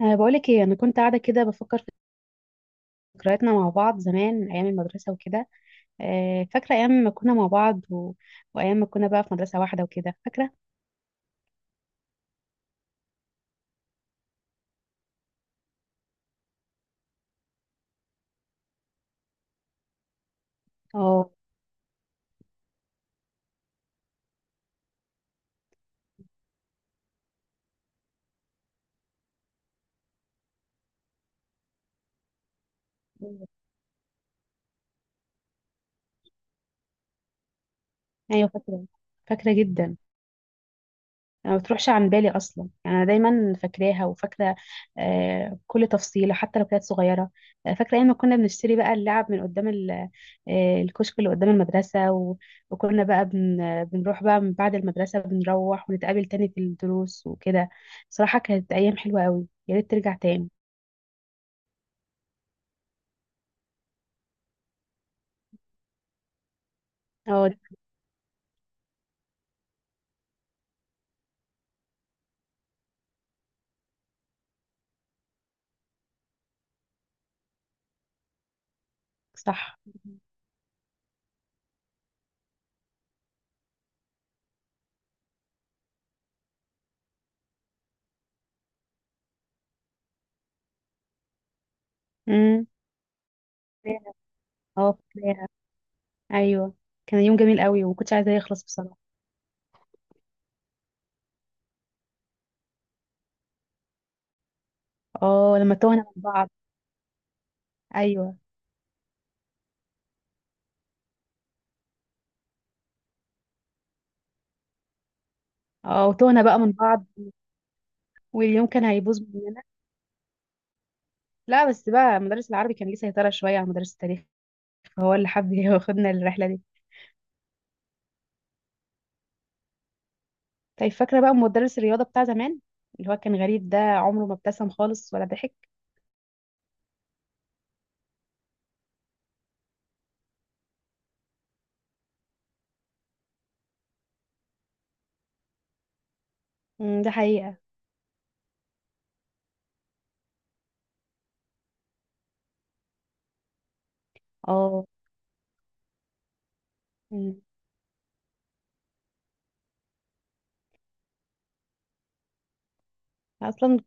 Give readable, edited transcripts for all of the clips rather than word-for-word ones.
بقولك ايه، انا كنت قاعده كده بفكر في ذكرياتنا مع بعض زمان ايام المدرسه وكده. فاكره ايام ما كنا مع بعض وايام ما كنا بقى في مدرسه واحده وكده فاكره. اه، ايوه فاكره، فاكره جدا. يعني ما بتروحش عن بالي اصلا، يعني انا دايما فاكراها وفاكره كل تفصيله حتى لو كانت صغيره. فاكره ايام ما كنا بنشتري بقى اللعب من قدام الكشك اللي قدام المدرسه وكنا بقى بن آه، بنروح بقى من بعد المدرسه، بنروح ونتقابل تاني في الدروس وكده. صراحه كانت ايام حلوه قوي، يا ريت ترجع تاني. اه. صح. امم. اه فاكراها، ايوه. كان يوم جميل قوي وما كنتش عايزاه يخلص بصراحه. اه لما توهنا من بعض. ايوه. اه وتوهنا بقى من بعض، واليوم كان هيبوظ مننا. لا، بس بقى مدرس العربي كان ليه سيطرة شوية على مدرس التاريخ، فهو اللي حب ياخدنا الرحلة دي. طيب، فاكرة بقى مدرس الرياضة بتاع زمان، اللي هو كان غريب، ده عمره ما ابتسم خالص ولا ضحك. أمم، ده حقيقة. اه. أمم. أصلا.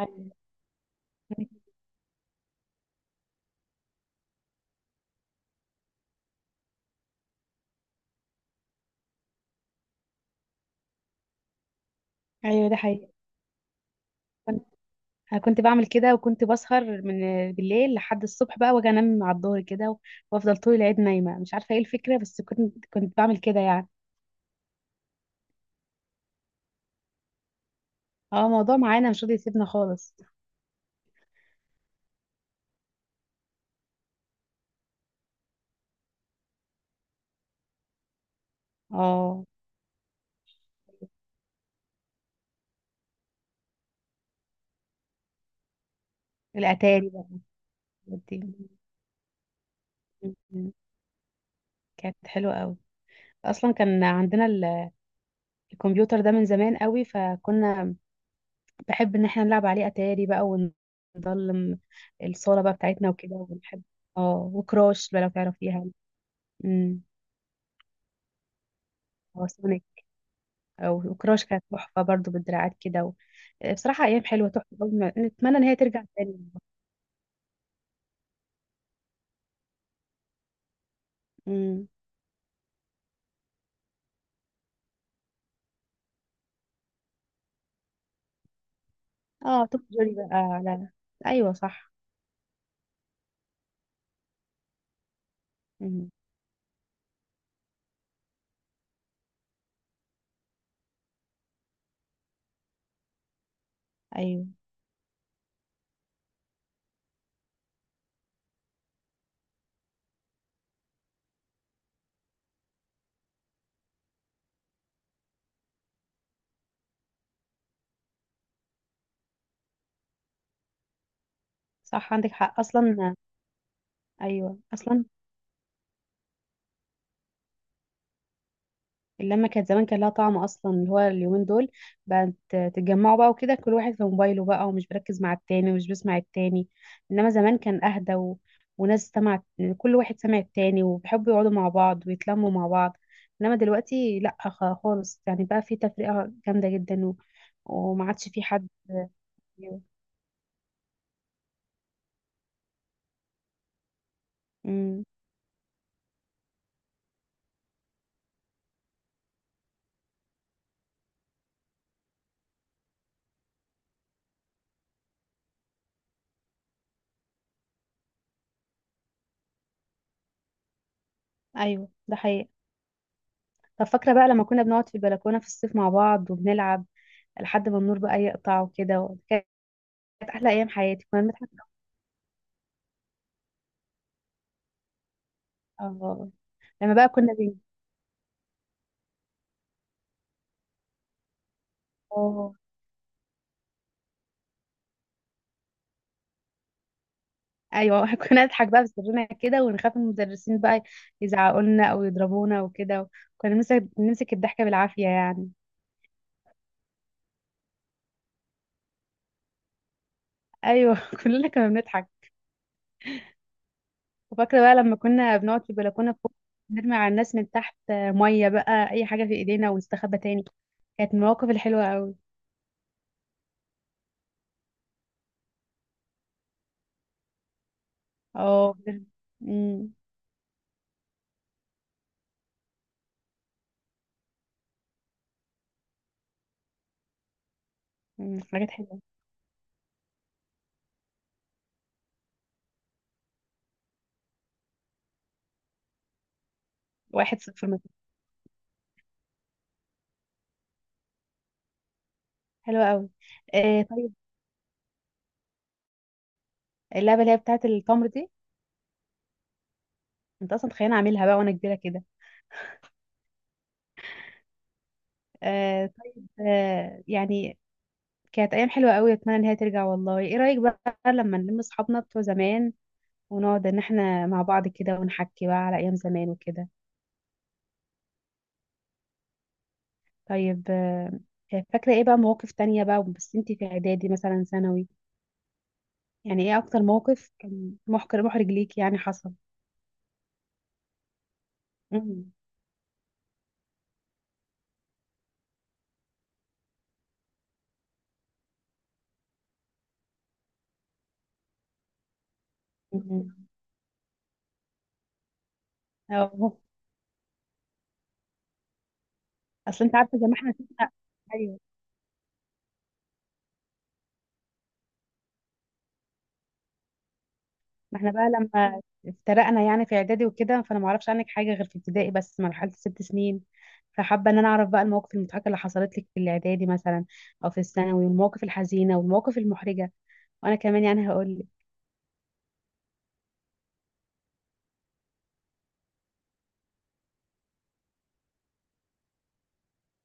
أيوه. أيوه، ده حقيقة. كنت، كنت بعمل كده وكنت بسهر من بالليل لحد الصبح بقى، واجي انام على الظهر كده، وافضل طول العيد نايمة، مش عارفة ايه الفكرة، بس كنت بعمل كده يعني. اه، الموضوع معانا مش راضي يسيبنا خالص. اه، الأتاري. ودي. مم. كانت حلوة قوي، اصلا كان عندنا الكمبيوتر ده من زمان قوي، فكنا بحب ان احنا نلعب عليه اتاري بقى ونضلم الصالة بقى بتاعتنا وكده، ونحب. اه وكراش بقى لو تعرفيها. امم. او سونيك. او وكراش كانت تحفة برضو بالدراعات كده بصراحة ايام حلوة تحفة قوي. نتمنى ان هي ترجع تاني. امم. اه توم جوري بقى على. ايوه صح. امم. ايوه. صح، عندك حق اصلا. ايوه اصلا. اللمة كانت زمان كان لها طعم، أصلا اللي هو اليومين دول بقت تتجمعوا بقى وكده، كل واحد في موبايله بقى ومش بركز مع التاني ومش بسمع التاني. إنما زمان كان أهدى وناس سمعت، كل واحد سمع التاني وبيحبوا يقعدوا مع بعض ويتلموا مع بعض. إنما دلوقتي لأ، خالص يعني، بقى في تفرقة جامدة جدا وما عادش في حد. امم. أيوه ده حقيقي. طب فاكرة بقى لما كنا بنقعد في البلكونة في الصيف مع بعض وبنلعب لحد ما النور بقى يقطع وكده، كانت أحلى أيام حياتي. كنا بنضحك. اه لما بقى كنا بين. اه. ايوه كنا نضحك بقى بسرنا كده ونخاف من المدرسين بقى يزعقوا لنا او يضربونا وكده. كنا نمسك الضحكه بالعافيه يعني. ايوه كلنا كنا بنضحك. وفاكره بقى لما كنا بنقعد في البلكونه فوق نرمي على الناس من تحت ميه بقى، اي حاجه في ايدينا، ونستخبى تاني. كانت المواقف الحلوه قوي. اه بجد. أمم. أمم، حاجات حلوه. واحد صفر مثلا. حلوه قوي. آه طيب. اللعبه اللي هي بتاعت التمر دي، انت اصلا تخيل اعملها بقى وانا كبيره كده. آه طيب آه يعني، كانت ايام حلوه قوي. اتمنى ان هي ترجع، والله ايه رايك بقى لما نلم اصحابنا بتوع زمان ونقعد ان احنا مع بعض كده ونحكي بقى على ايام زمان وكده. طيب آه. فاكره ايه بقى مواقف تانية بقى، بس انتي في اعدادي مثلا ثانوي، يعني ايه اكتر موقف كان محرج ليك يعني حصل؟ امم. أمم. أو- اصل انت عارفه زي ما احنا ايوه، ما احنا بقى لما افترقنا يعني في اعدادي وكده، فانا ما اعرفش عنك حاجه غير في ابتدائي بس مرحله الست سنين، فحابه ان انا اعرف بقى المواقف المضحكه اللي حصلت لك في الاعدادي مثلا او في الثانوي، والمواقف الحزينه والمواقف المحرجه، وانا كمان يعني هقول لك.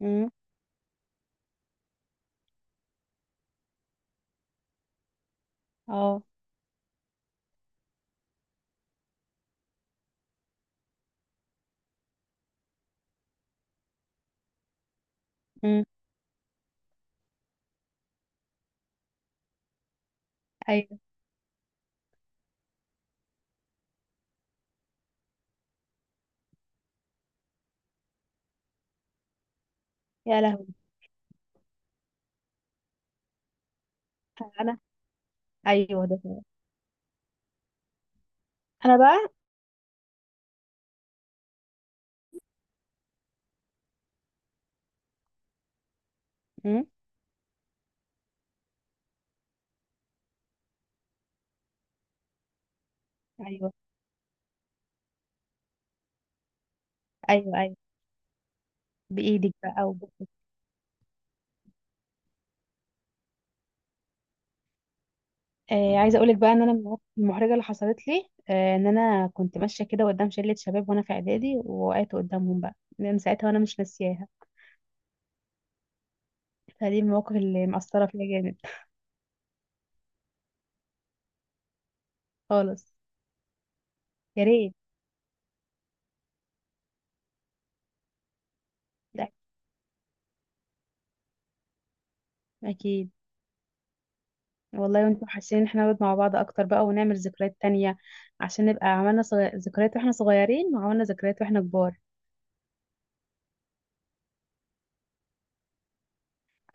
امم. اه. امم. ايوه. يا لهوي. انا. ايوه ده فعلا. انا بقى. امم. ايوه. ايوه. ايوه بايدك بقى. آه، عايزه اقول لك بقى ان انا من المواقف المحرجه اللي حصلت لي، آه ان انا كنت ماشيه كده قدام شله شباب وانا في اعدادي، ووقعت قدامهم بقى، من ساعتها وانا مش ناسياها. فدي المواقف اللي مأثره فيا جامد. خالص. يا ريت. لا. اكيد. والله وانتم حاسين ان احنا نقعد مع بعض اكتر بقى ونعمل ذكريات تانية، عشان نبقى عملنا ذكريات واحنا صغيرين وعملنا ذكريات واحنا كبار.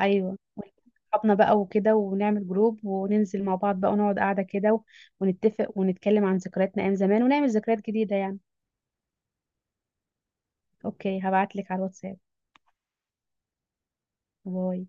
ايوه. صحابنا بقى وكده، ونعمل جروب وننزل مع بعض بقى ونقعد قاعده كده، ونتفق ونتكلم عن ذكرياتنا ايام زمان ونعمل ذكريات جديده يعني. اوكي، هبعتلك على الواتساب. باي